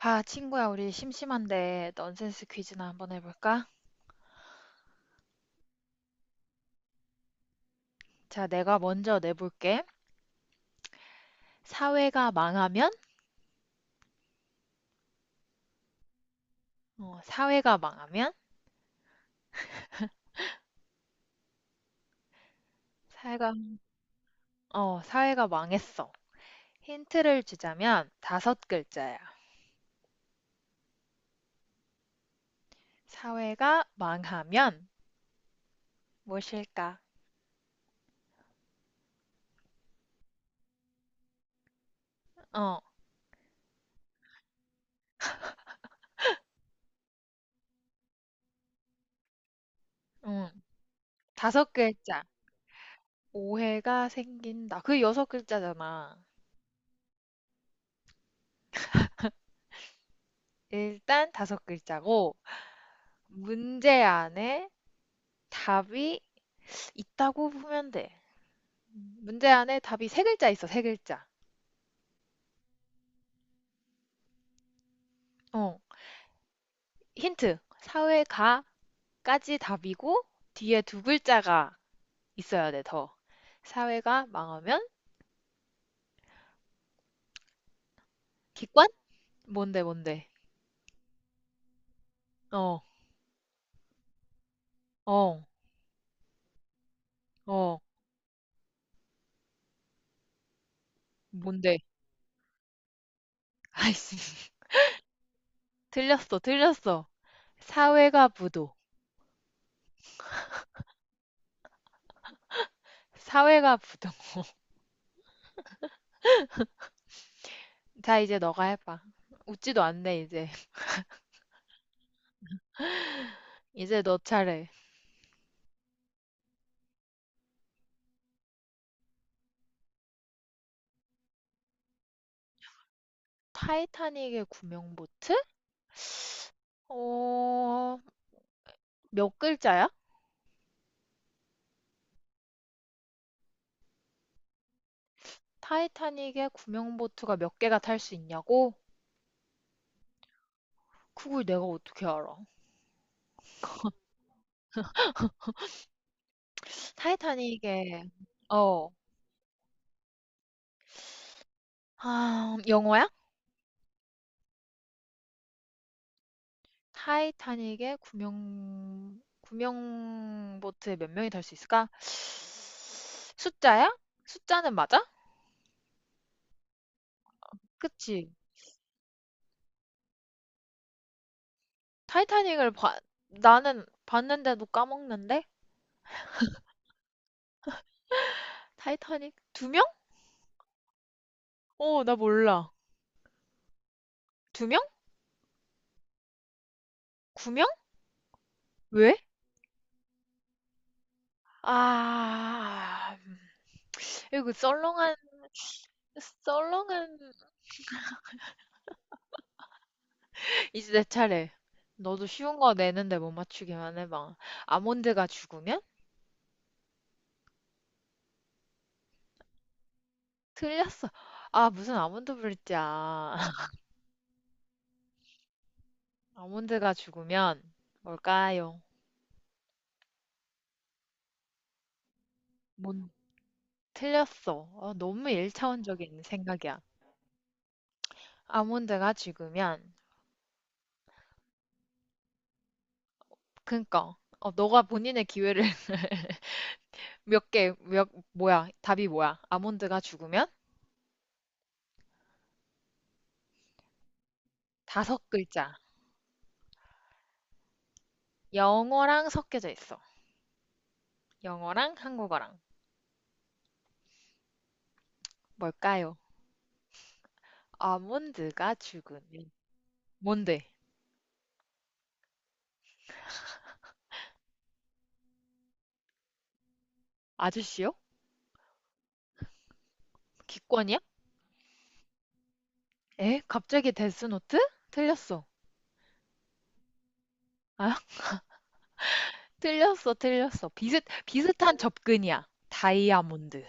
아, 친구야, 우리 심심한데 넌센스 퀴즈나 한번 해볼까? 자, 내가 먼저 내볼게. 사회가 망하면? 어, 사회가 망하면? 사회가, 어, 사회가 망했어. 힌트를 주자면 다섯 글자야. 사회가 망하면 무엇일까? 어, 음, 다섯 글자. 오해가 생긴다. 그 여섯 글자잖아. 일단 다섯 글자고, 문제 안에 답이 있다고 보면 돼. 문제 안에 답이 세 글자 있어, 세 글자. 어, 힌트. 사회가까지 답이고, 뒤에 두 글자가 있어야 돼, 더. 사회가 망하면 기관? 뭔데, 뭔데? 어, 어, 어, 뭔데? 아이씨. 틀렸어, 틀렸어. 사회가 부도. 사회가 부도. 자, 이제 너가 해봐. 웃지도 않네, 이제. 이제 너 차례. 타이타닉의 구명보트? 어, 몇 글자야? 타이타닉에 구명보트가 몇 개가 탈 수 있냐고? 그걸 내가 어떻게 알아? 타이타닉에 어. 아, 영어야? 타이타닉에 구명보트에 몇 명이 탈 수 있을까? 숫자야? 숫자는 맞아? 그치? 타이타닉을 봐 나는 봤는데도 까먹는데? 타이타닉 두 명? 어, 나 몰라. 두 명? 구 명? 왜? 아, 이거 썰렁한 썰렁한 이제 내 차례. 너도 쉬운 거 내는데 못 맞추기만 해봐. 아몬드가 죽으면? 틀렸어. 아, 무슨 아몬드 불자. 아몬드가 죽으면 뭘까요? 뭔, 틀렸어. 어, 너무 일차원적인 생각이야. 아몬드가 죽으면, 그니까, 어, 너가 본인의 기회를 몇 개, 몇, 뭐야, 답이 뭐야? 아몬드가 죽으면? 다섯 글자. 영어랑 섞여져 있어. 영어랑 한국어랑. 뭘까요? 아몬드가 죽으면. 뭔데? 아저씨요? 기권이야? 에? 갑자기 데스노트? 틀렸어. 아, 틀렸어, 틀렸어. 비슷한 접근이야. 다이아몬드.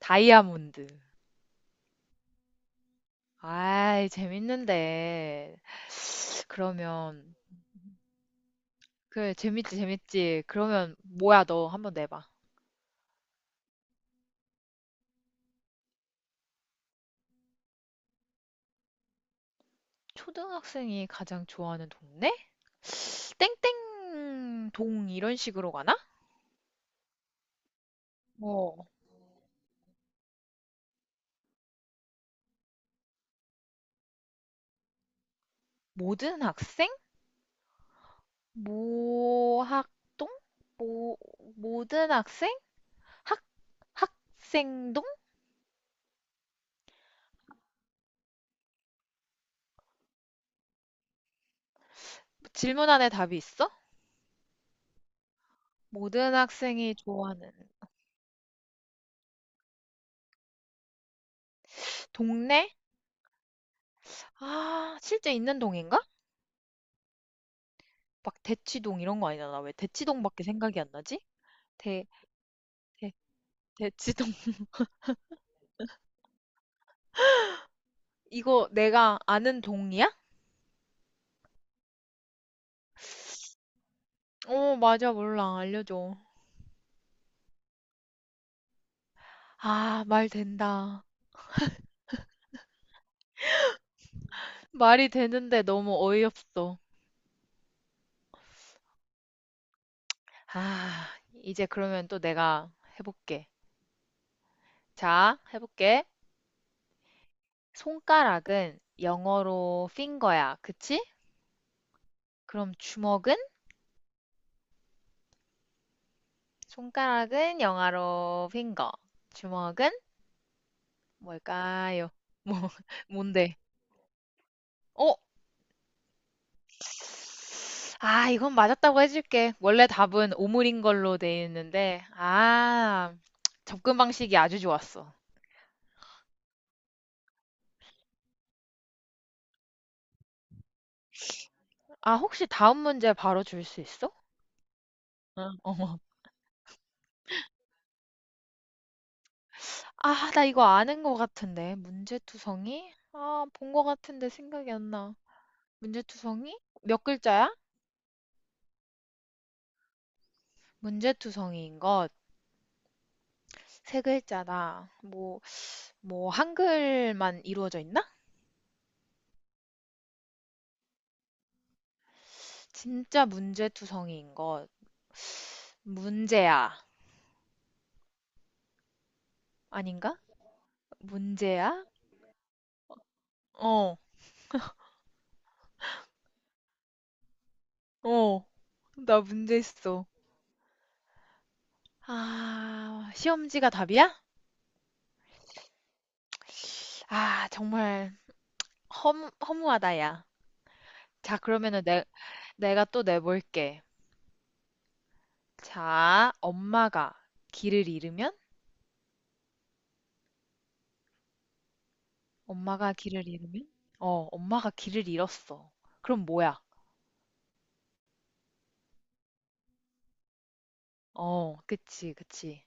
다이아몬드. 아이, 재밌는데. 그러면, 그래, 재밌지, 재밌지. 그러면, 뭐야, 너 한번 내봐. 초등학생이 가장 좋아하는 동네? 땡땡 동, 이런 식으로 가나? 뭐, 모든 학생? 모학동? 모, 모든 학생? 학생동? 질문 안에 답이 있어? 모든 학생이 좋아하는 동네? 아, 실제 있는 동인가? 막 대치동 이런 거 아니잖아. 왜 대치동밖에 생각이 안 나지? 대, 대, 대치동. 이거 내가 아는 동이야? 어, 맞아. 몰라. 알려줘. 아, 말 된다. 말이 되는데 너무 어이없어. 아, 이제 그러면 또 내가 해볼게. 자, 해볼게. 손가락은 영어로 finger야. 그치? 그럼 주먹은? 손가락은 영어로 finger, 주먹은 뭘까요? 뭐, 뭔데? 어, 아, 이건 맞았다고 해줄게. 원래 답은 오물인 걸로 돼 있는데, 아, 접근 방식이 아주 좋았어. 아, 혹시 다음 문제 바로 줄 수 있어? 응. 어머. 아, 나 이거 아는 것 같은데. 문제투성이? 아, 본 것 같은데 생각이 안 나. 문제투성이? 몇 글자야? 문제투성이인 것, 세 글자다. 뭐, 뭐, 한글만 이루어져 있나? 진짜 문제투성이인 것. 문제야. 아닌가? 문제야? 어, 어, 나 문제 있어. 아, 시험지가 답이야? 아, 정말 허무하다, 야. 자, 그러면은 내, 내가 또 내볼게. 자, 엄마가 길을 잃으면? 엄마가 길을 잃으면? 어, 엄마가 길을 잃었어. 그럼 뭐야? 어, 그치, 그치.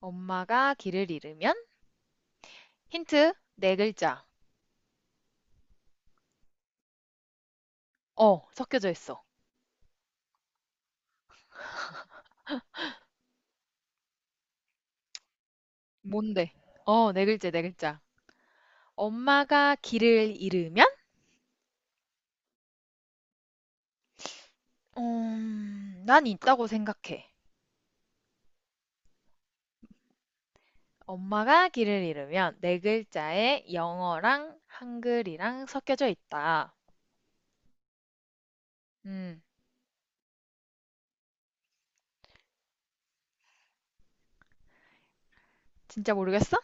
엄마가 길을 잃으면? 힌트, 네 글자. 어, 섞여져 있어. 뭔데? 어, 네 글자, 네 글자. 엄마가 길을 잃으면? 난 있다고 생각해. 엄마가 길을 잃으면 네 글자에 영어랑 한글이랑 섞여져 있다. 음, 진짜 모르겠어?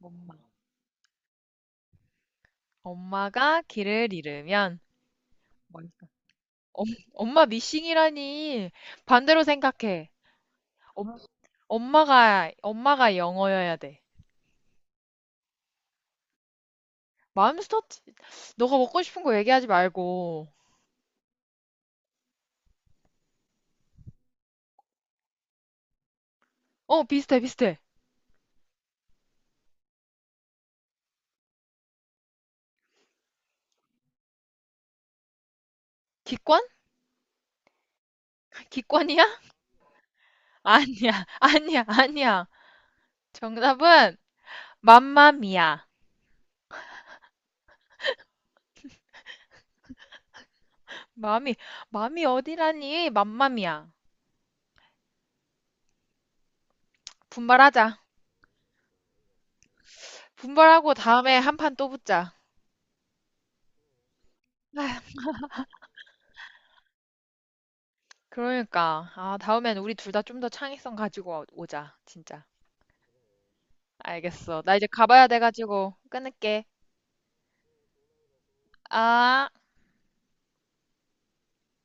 엄마. 엄마가 길을 잃으면 뭘까? 엄, 엄마 미싱이라니. 반대로 생각해. 엄, 엄마가 영어여야 돼. 맘스터치. 너가 먹고 싶은 거 얘기하지 말고. 어, 비슷해, 비슷해. 기권? 기권이야? 아니야, 아니야, 아니야. 정답은 맘마미야. 맘이, 맘이 어디라니? 맘마미야. 분발하자. 분발하고 다음에 한 판 또 붙자. 아휴, 그러니까. 아, 다음엔 우리 둘 다 좀 더 창의성 가지고 오자. 진짜. 알겠어. 나 이제 가봐야 돼가지고 끊을게. 아.